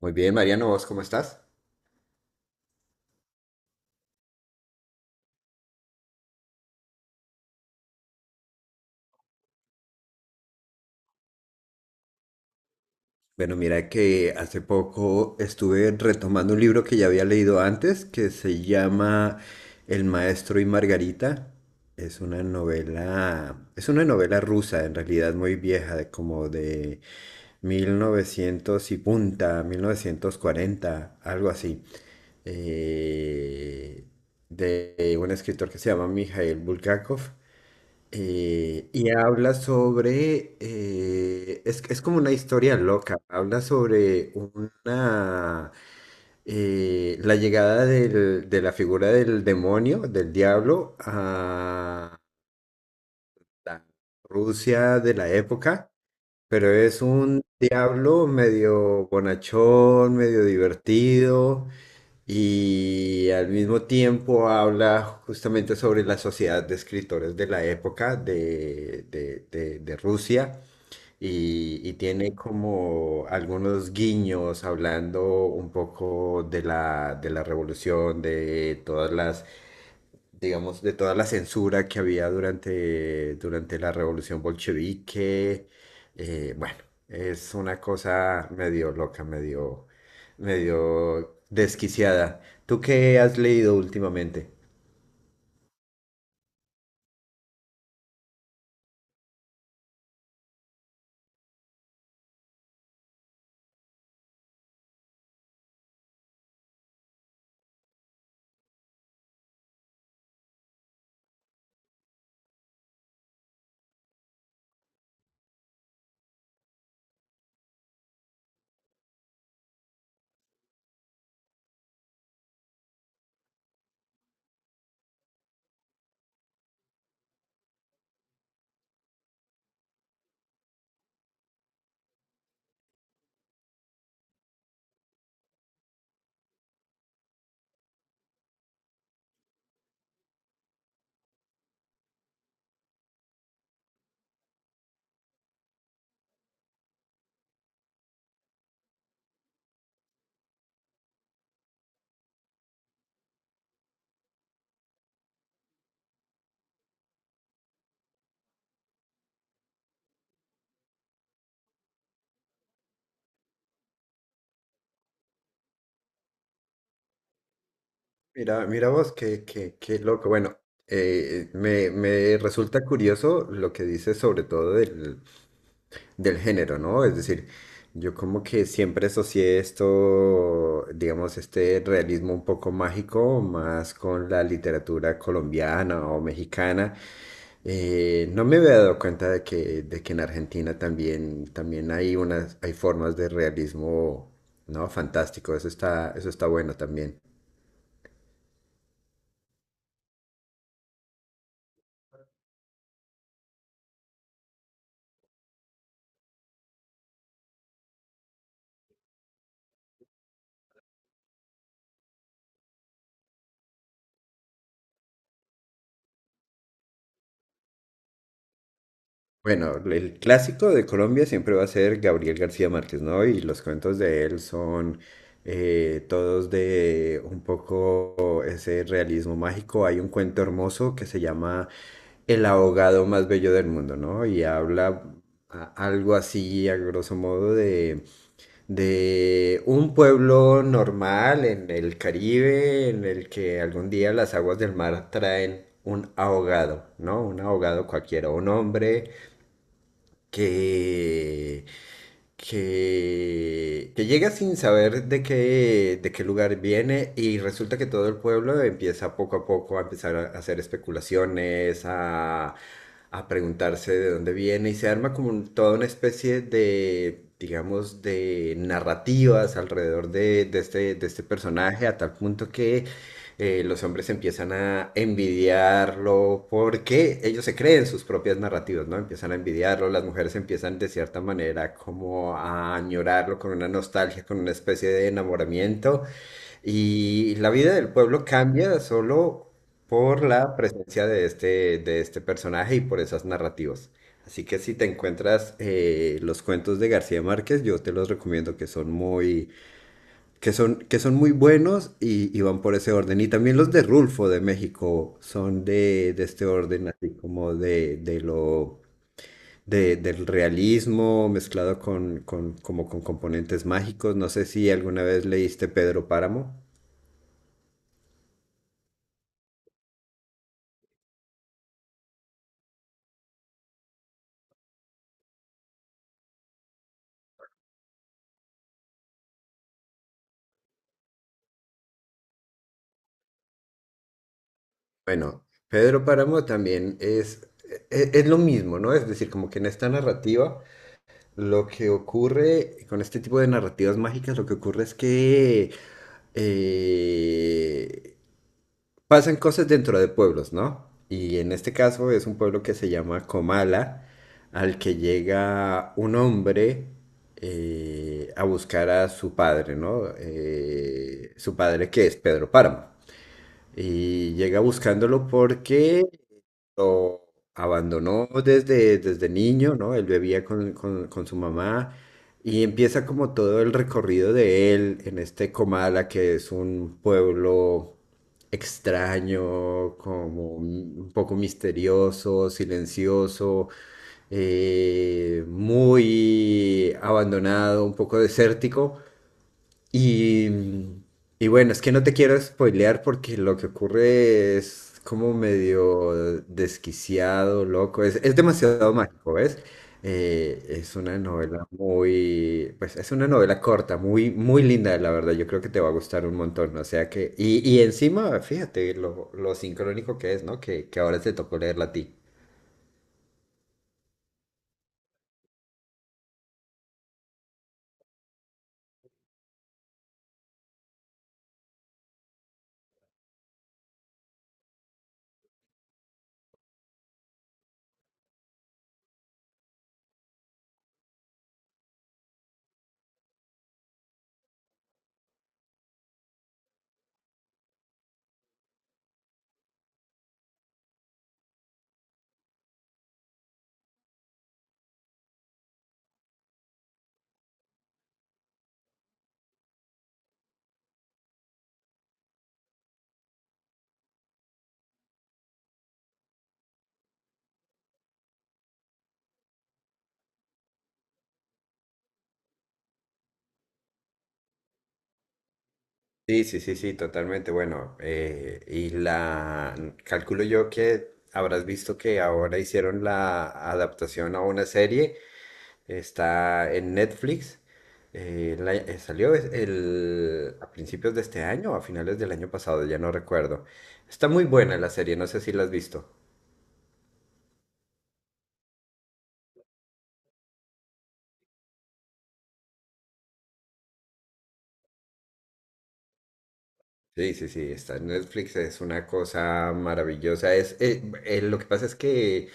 Muy bien, Mariano, ¿vos cómo estás? Bueno, mira que hace poco estuve retomando un libro que ya había leído antes, que se llama El maestro y Margarita. Es una novela rusa, en realidad muy vieja, de como de 1900 y punta, 1940, algo así. Eh, de un escritor que se llama Mikhail Bulgakov. Y habla sobre, es como una historia loca, habla sobre una, la llegada de la figura del demonio, del diablo, a la Rusia de la época, pero es un diablo medio bonachón, medio divertido, y al mismo tiempo habla justamente sobre la sociedad de escritores de la época de Rusia y tiene como algunos guiños hablando un poco de de la revolución, de todas las digamos, de toda la censura que había durante la revolución bolchevique. Bueno, es una cosa medio loca, medio desquiciada. ¿Tú qué has leído últimamente? Mira vos, qué loco. Bueno, me resulta curioso lo que dices sobre todo del género, ¿no? Es decir, yo como que siempre asocié esto, digamos, este realismo un poco mágico, más con la literatura colombiana o mexicana. No me había dado cuenta de que en Argentina también, también hay unas, hay formas de realismo, ¿no? Fantástico, eso está bueno también. Bueno, el clásico de Colombia siempre va a ser Gabriel García Márquez, ¿no? Y los cuentos de él son todos de un poco ese realismo mágico. Hay un cuento hermoso que se llama El ahogado más bello del mundo, ¿no? Y habla algo así, a grosso modo, de un pueblo normal en el Caribe, en el que algún día las aguas del mar traen un ahogado, ¿no? Un ahogado cualquiera, un hombre que, que llega sin saber de qué lugar viene y resulta que todo el pueblo empieza poco a poco a empezar a hacer especulaciones, a preguntarse de dónde viene y se arma como toda una especie de, digamos, de narrativas alrededor de este personaje a tal punto que los hombres empiezan a envidiarlo porque ellos se creen sus propias narrativas, ¿no? Empiezan a envidiarlo, las mujeres empiezan de cierta manera como a añorarlo con una nostalgia, con una especie de enamoramiento y la vida del pueblo cambia solo por la presencia de este personaje y por esas narrativas. Así que si te encuentras los cuentos de García Márquez, yo te los recomiendo que son que son muy buenos y van por ese orden. Y también los de Rulfo de México son de este orden, así como del realismo mezclado como con componentes mágicos. No sé si alguna vez leíste Pedro Páramo. Bueno, Pedro Páramo también es, es lo mismo, ¿no? Es decir, como que en esta narrativa, lo que ocurre con este tipo de narrativas mágicas, lo que ocurre es que... eh, pasan cosas dentro de pueblos, ¿no? Y en este caso es un pueblo que se llama Comala, al que llega un hombre a buscar a su padre, ¿no? Su padre que es Pedro Páramo. Y llega buscándolo porque lo abandonó desde niño, ¿no? Él bebía con su mamá y empieza como todo el recorrido de él en este Comala, que es un pueblo extraño, como un poco misterioso, silencioso, muy abandonado, un poco desértico. Y, y bueno, es que no te quiero spoilear porque lo que ocurre es como medio desquiciado, loco. Es demasiado mágico, ¿ves? Es una novela muy, pues es una novela corta, muy linda, la verdad. Yo creo que te va a gustar un montón. O sea que, y encima, fíjate lo sincrónico que es, ¿no? Que ahora te tocó leerla a ti. Sí, sí, sí, sí, totalmente. Bueno, y la calculo yo que habrás visto que ahora hicieron la adaptación a una serie. Está en Netflix. A principios de este año o a finales del año pasado, ya no recuerdo. Está muy buena la serie, no sé si la has visto. Sí, sí, sí, está en Netflix, es una cosa maravillosa. Lo que pasa es que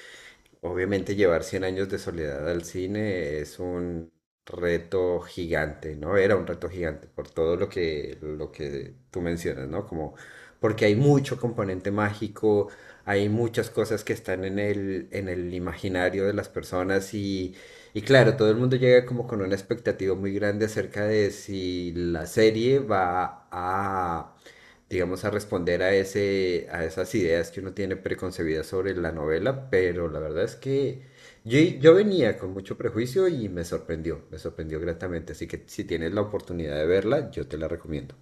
obviamente llevar Cien años de soledad al cine es un reto gigante, ¿no? Era un reto gigante por todo lo que tú mencionas, ¿no? Como porque hay mucho componente mágico, hay muchas cosas que están en el imaginario de las personas y claro, todo el mundo llega como con una expectativa muy grande acerca de si la serie va a digamos, a responder a ese, a esas ideas que uno tiene preconcebidas sobre la novela, pero la verdad es que yo venía con mucho prejuicio y me sorprendió gratamente, así que si tienes la oportunidad de verla, yo te la recomiendo.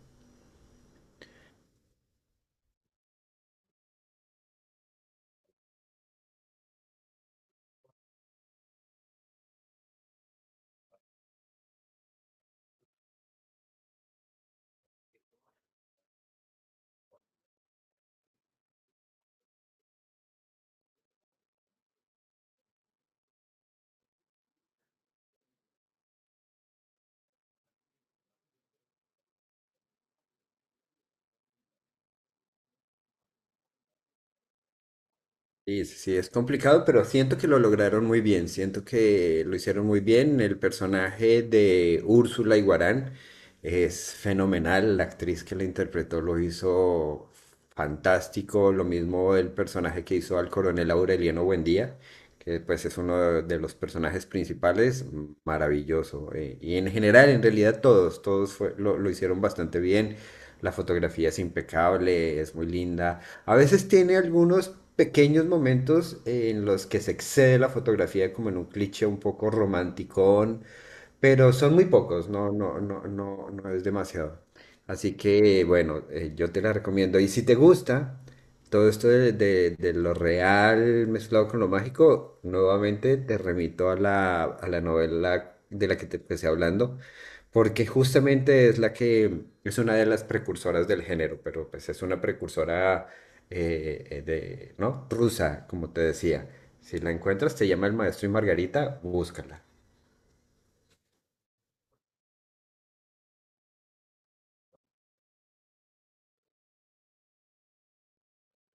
Sí, sí, sí, es complicado, pero siento que lo lograron muy bien, siento que lo hicieron muy bien. El personaje de Úrsula Iguarán es fenomenal, la actriz que la interpretó lo hizo fantástico, lo mismo el personaje que hizo al coronel Aureliano Buendía, que pues es uno de los personajes principales, maravilloso. Y en general, en realidad todos, lo hicieron bastante bien. La fotografía es impecable, es muy linda. A veces tiene algunos pequeños momentos en los que se excede la fotografía como en un cliché un poco romanticón, pero son muy pocos, no, no, no, no, no es demasiado. Así que bueno, yo te la recomiendo. Y si te gusta todo esto de lo real mezclado con lo mágico, nuevamente te remito a a la novela de la que te empecé hablando, porque justamente es la que es una de las precursoras del género, pero pues es una precursora ¿no? Rusa, como te decía. Si la encuentras, te llama El Maestro y Margarita, búscala.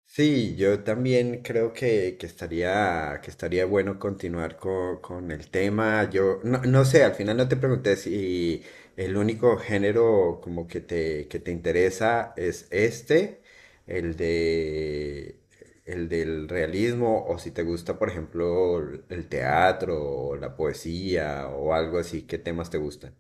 Sí, yo también creo que estaría bueno continuar con el tema. Yo no, no sé, al final no te pregunté si el único género como que te interesa es este, el de, el del realismo, o si te gusta, por ejemplo, el teatro, o la poesía, o algo así, ¿qué temas te gustan?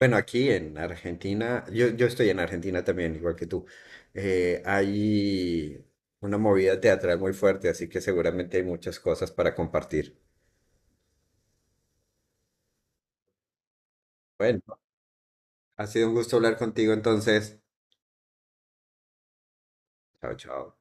Bueno, aquí en Argentina, yo estoy en Argentina también, igual que tú. Hay una movida teatral muy fuerte, así que seguramente hay muchas cosas para compartir. Bueno, ha sido un gusto hablar contigo entonces. Chao, chao.